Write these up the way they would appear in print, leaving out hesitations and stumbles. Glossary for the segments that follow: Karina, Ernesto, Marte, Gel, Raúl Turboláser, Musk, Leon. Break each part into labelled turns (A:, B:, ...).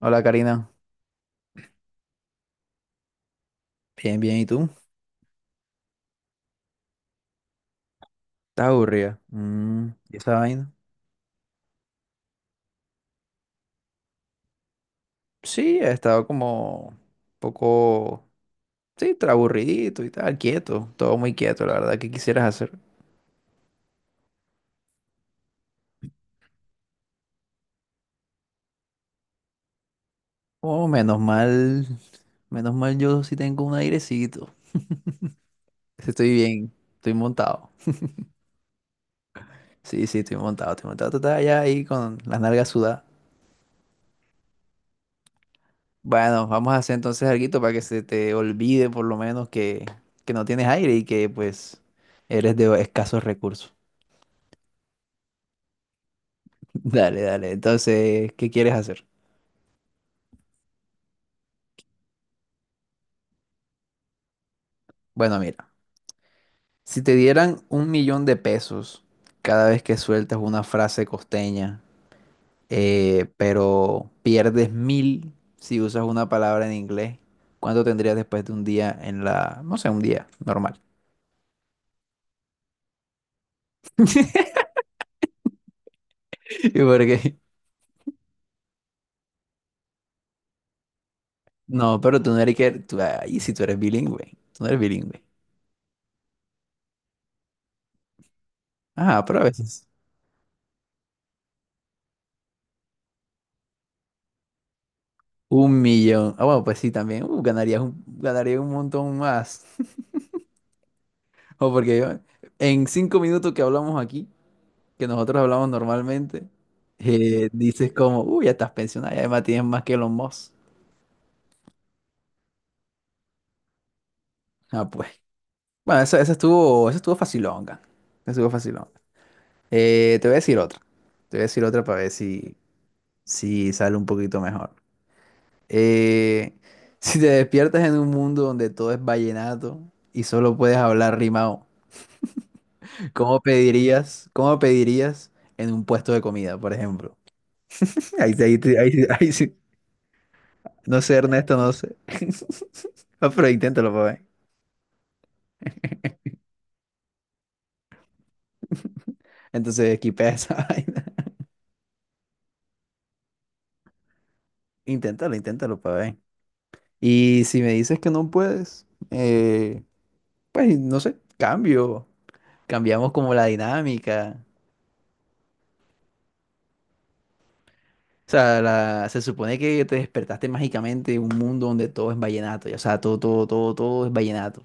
A: Hola, Karina. Bien, bien, ¿y tú? ¿Estás aburrida? Mm, ¿y esa vaina? Sí, he estado como un poco, sí, aburridito y tal, quieto, todo muy quieto, la verdad. ¿Qué quisieras hacer? Oh, menos mal, menos mal, yo sí tengo un airecito, estoy bien, estoy montado. Sí, sí, estoy montado, tú estás allá ahí con las nalgas sudadas. Bueno, vamos a hacer entonces algo para que se te olvide por lo menos que no tienes aire y que pues eres de escasos recursos. Dale, dale. Entonces, ¿qué quieres hacer? Bueno, mira, si te dieran 1 millón de pesos cada vez que sueltas una frase costeña, pero pierdes 1.000 si usas una palabra en inglés, ¿cuánto tendrías después de un día en no sé, un día normal? ¿Y por qué? No, pero tú no eres que, tú, ay, si tú eres bilingüe, tú no eres bilingüe. Ah, pero a veces. 1 millón. Ah, bueno, pues sí, también. Ganaría un montón más. O porque en 5 minutos que hablamos aquí, que nosotros hablamos normalmente, dices como, uy, ya estás pensionado y además tienes más que los Musk. Ah, pues. Bueno, eso estuvo facilonga. Eso estuvo facilonga. Te voy a decir otra. Para ver si, si sale un poquito mejor. Eh, si te despiertas en un mundo donde todo es vallenato y solo puedes hablar rimado, ¿cómo pedirías en un puesto de comida, por ejemplo? Ahí, sí- ahí, sí- ahí, sí- ahí, No sé, Ernesto, no sé. Ah, pero inténtalo para ver. Entonces, equipé esa vaina. Inténtalo, inténtalo para ver. Y si me dices que no puedes, pues no sé, cambio. Cambiamos como la dinámica. O sea, se supone que te despertaste mágicamente en un mundo donde todo es vallenato. Y, o sea, todo, todo, todo, todo es vallenato.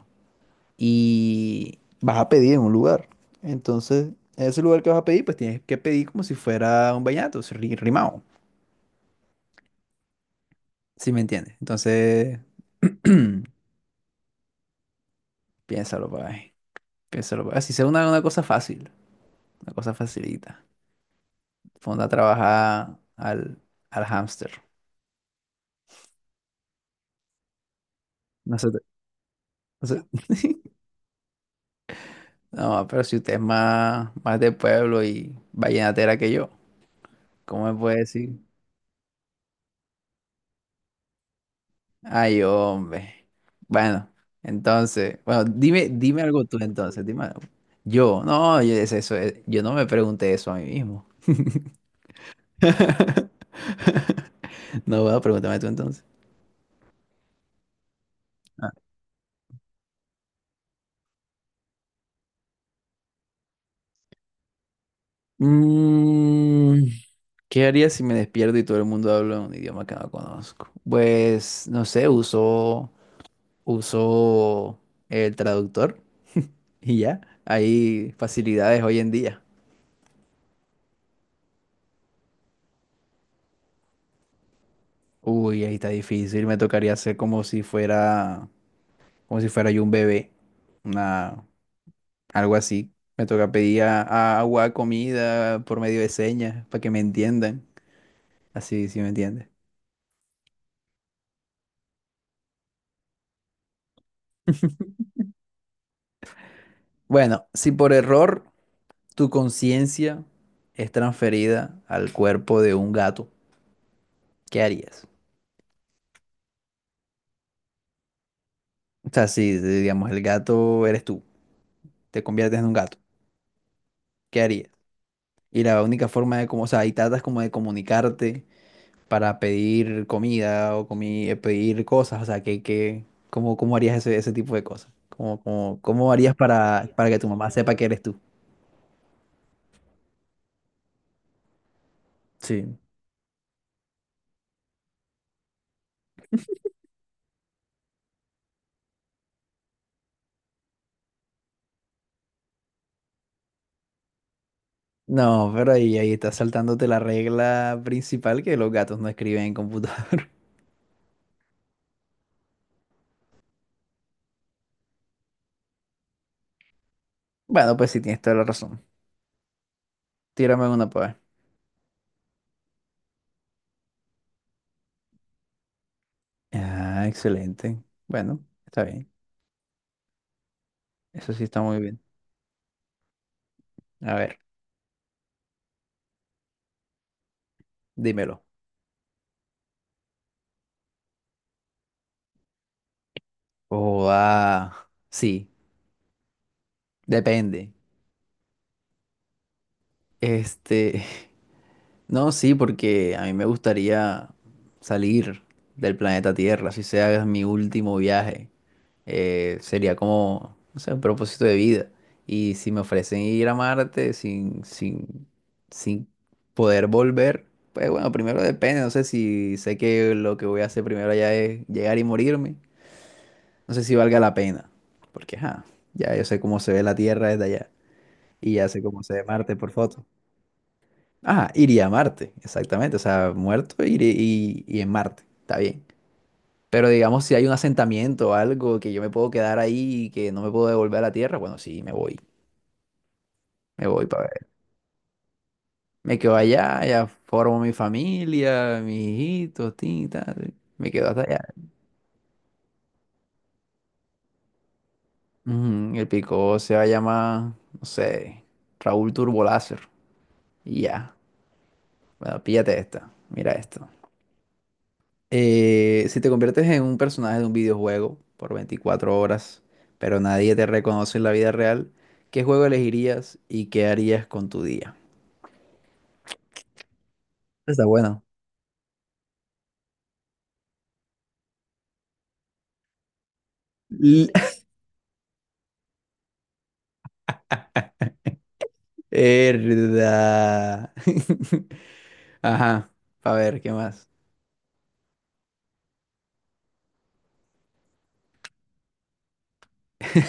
A: Y vas a pedir en un lugar. Entonces, en ese lugar que vas a pedir, pues tienes que pedir como si fuera un vallenato, si rimado. Si me entiendes. Entonces, piénsalo por ahí. Piénsalo por ahí. Si sea una cosa fácil, una cosa facilita. Ponte a trabajar al hámster. No sé. No. No, pero si usted es más, más de pueblo y vallenatera que yo, ¿cómo me puede decir? Ay, hombre. Bueno, entonces, bueno, dime algo tú entonces, dime algo. Yo, no, yo, es eso, yo no me pregunté eso a mí mismo. No va, pregúntame tú entonces. Ah. Mm, ¿qué haría si me despierto y todo el mundo habla un idioma que no conozco? Pues, no sé, uso el traductor y ya. Hay facilidades hoy en día. Uy, ahí está difícil. Me tocaría hacer como si fuera yo un bebé, una, algo así. Me toca pedir a agua, comida por medio de señas para que me entiendan. Así, sí me entiendes. Bueno, si por error tu conciencia es transferida al cuerpo de un gato. ¿Qué harías? O sea, si si, digamos el gato eres tú, te conviertes en un gato, ¿qué harías? Y la única forma de como, o sea, y tratas como de comunicarte para pedir comida o pedir cosas, o sea, ¿cómo harías ese tipo de cosas? ¿Cómo harías para que tu mamá sepa que eres tú? Sí. No, pero ahí estás saltándote la regla principal, que los gatos no escriben en computador. Bueno, pues sí, tienes toda la razón. Tírame una para ver. Ah, excelente. Bueno, está bien. Eso sí está muy bien. A ver, dímelo. Oh, ah, sí, depende. Este, no, sí, porque a mí me gustaría salir del planeta Tierra, si sea mi último viaje. Sería como, no sé, un propósito de vida. Y si me ofrecen ir a Marte sin poder volver, pues bueno, primero depende, no sé si sé que lo que voy a hacer primero allá es llegar y morirme, no sé si valga la pena, porque ajá, ya yo sé cómo se ve la Tierra desde allá y ya sé cómo se ve Marte por foto. Iría a Marte, exactamente, o sea, muerto iré y en Marte, está bien. Pero digamos, si hay un asentamiento o algo que yo me puedo quedar ahí y que no me puedo devolver a la tierra, bueno, sí, me voy. Me voy para ver. Me quedo allá, ya formo mi familia, mis hijitos, tin, tal. Me quedo hasta allá. Ujú. El pico se va a llamar, no sé, Raúl Turboláser. Y ya. Bueno, píllate esta. Mira esto. Si te conviertes en un personaje de un videojuego por 24 horas, pero nadie te reconoce en la vida real, ¿qué juego elegirías y qué harías con tu día? Está bueno. L- Verdad. Ajá. A ver, ¿qué más?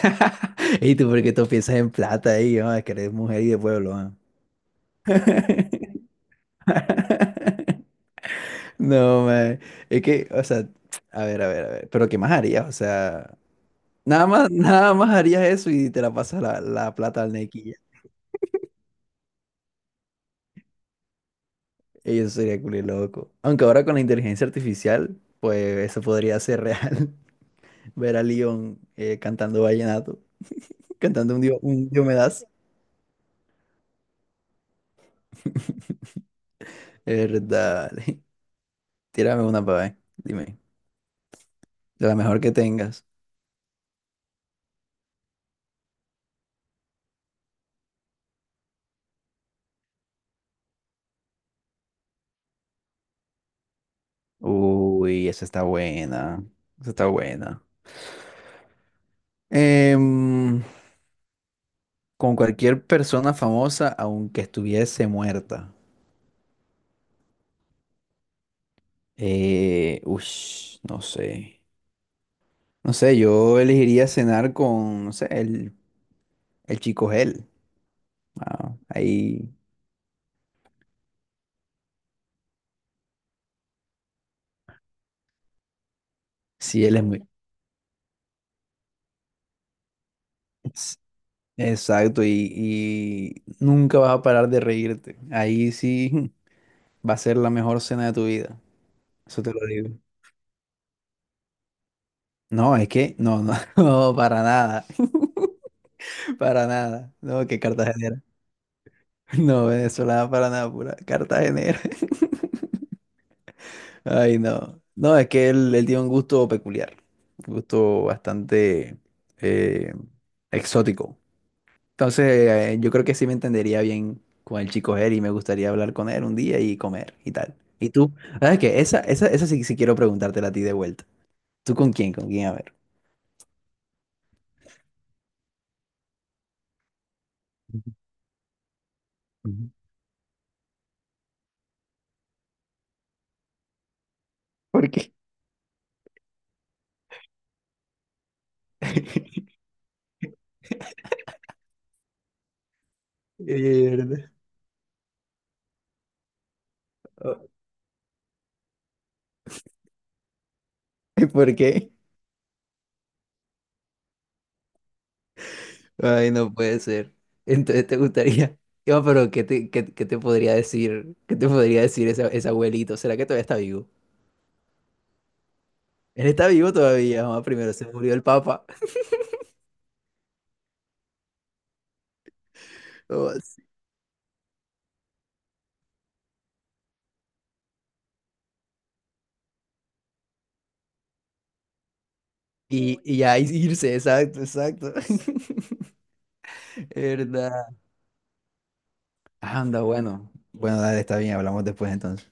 A: ¿Y tú por qué tú piensas en plata ahí? Ah, que eres mujer y de pueblo. ¿Ah? No, man. Es que, o sea, a ver, a ver, a ver. Pero ¿qué más harías? O sea, nada más, nada más harías eso y te la pasas la, la plata al nequilla. Y eso sería culo loco. Aunque ahora con la inteligencia artificial, pues eso podría ser real. Ver a Leon cantando vallenato. Cantando un Dios me das. Verdad. Tírame una para ver. Dime. De la mejor que tengas. Uy, esa está buena. Esa está buena. Em, con cualquier persona famosa, aunque estuviese muerta. Ush, no sé. No sé, yo elegiría cenar con, no sé, el chico Gel. Ah, ahí sí, él es muy... s- Exacto, y nunca vas a parar de reírte. Ahí sí, va a ser la mejor cena de tu vida. Eso te lo digo. No, es que, no, no, no, para nada. Para nada. No, que Cartagenera. No, venezolana para nada, pura Cartagenera. Ay, no. No, es que él tiene un gusto peculiar. Un gusto bastante eh, exótico. Entonces, yo creo que sí me entendería bien con el chico él y me gustaría hablar con él un día y comer y tal. ¿Y tú? ¿Sabes qué? Esa sí, sí quiero preguntártela a ti de vuelta. ¿Tú con quién? ¿Con quién? A ver. Ujú, ujú. ¿Por qué? Mierda. Oh, ¿por qué? Ay, no puede ser. Entonces te gustaría. Yo, pero ¿qué te podría decir? ¿Qué te podría decir ese abuelito? ¿Será que todavía está vivo? Él está vivo todavía, mamá. Primero se murió el papa. Oh, sí. Y ya irse, exacto, exacto. ¿Verdad? Anda, bueno. Bueno, dale, está bien, hablamos después entonces.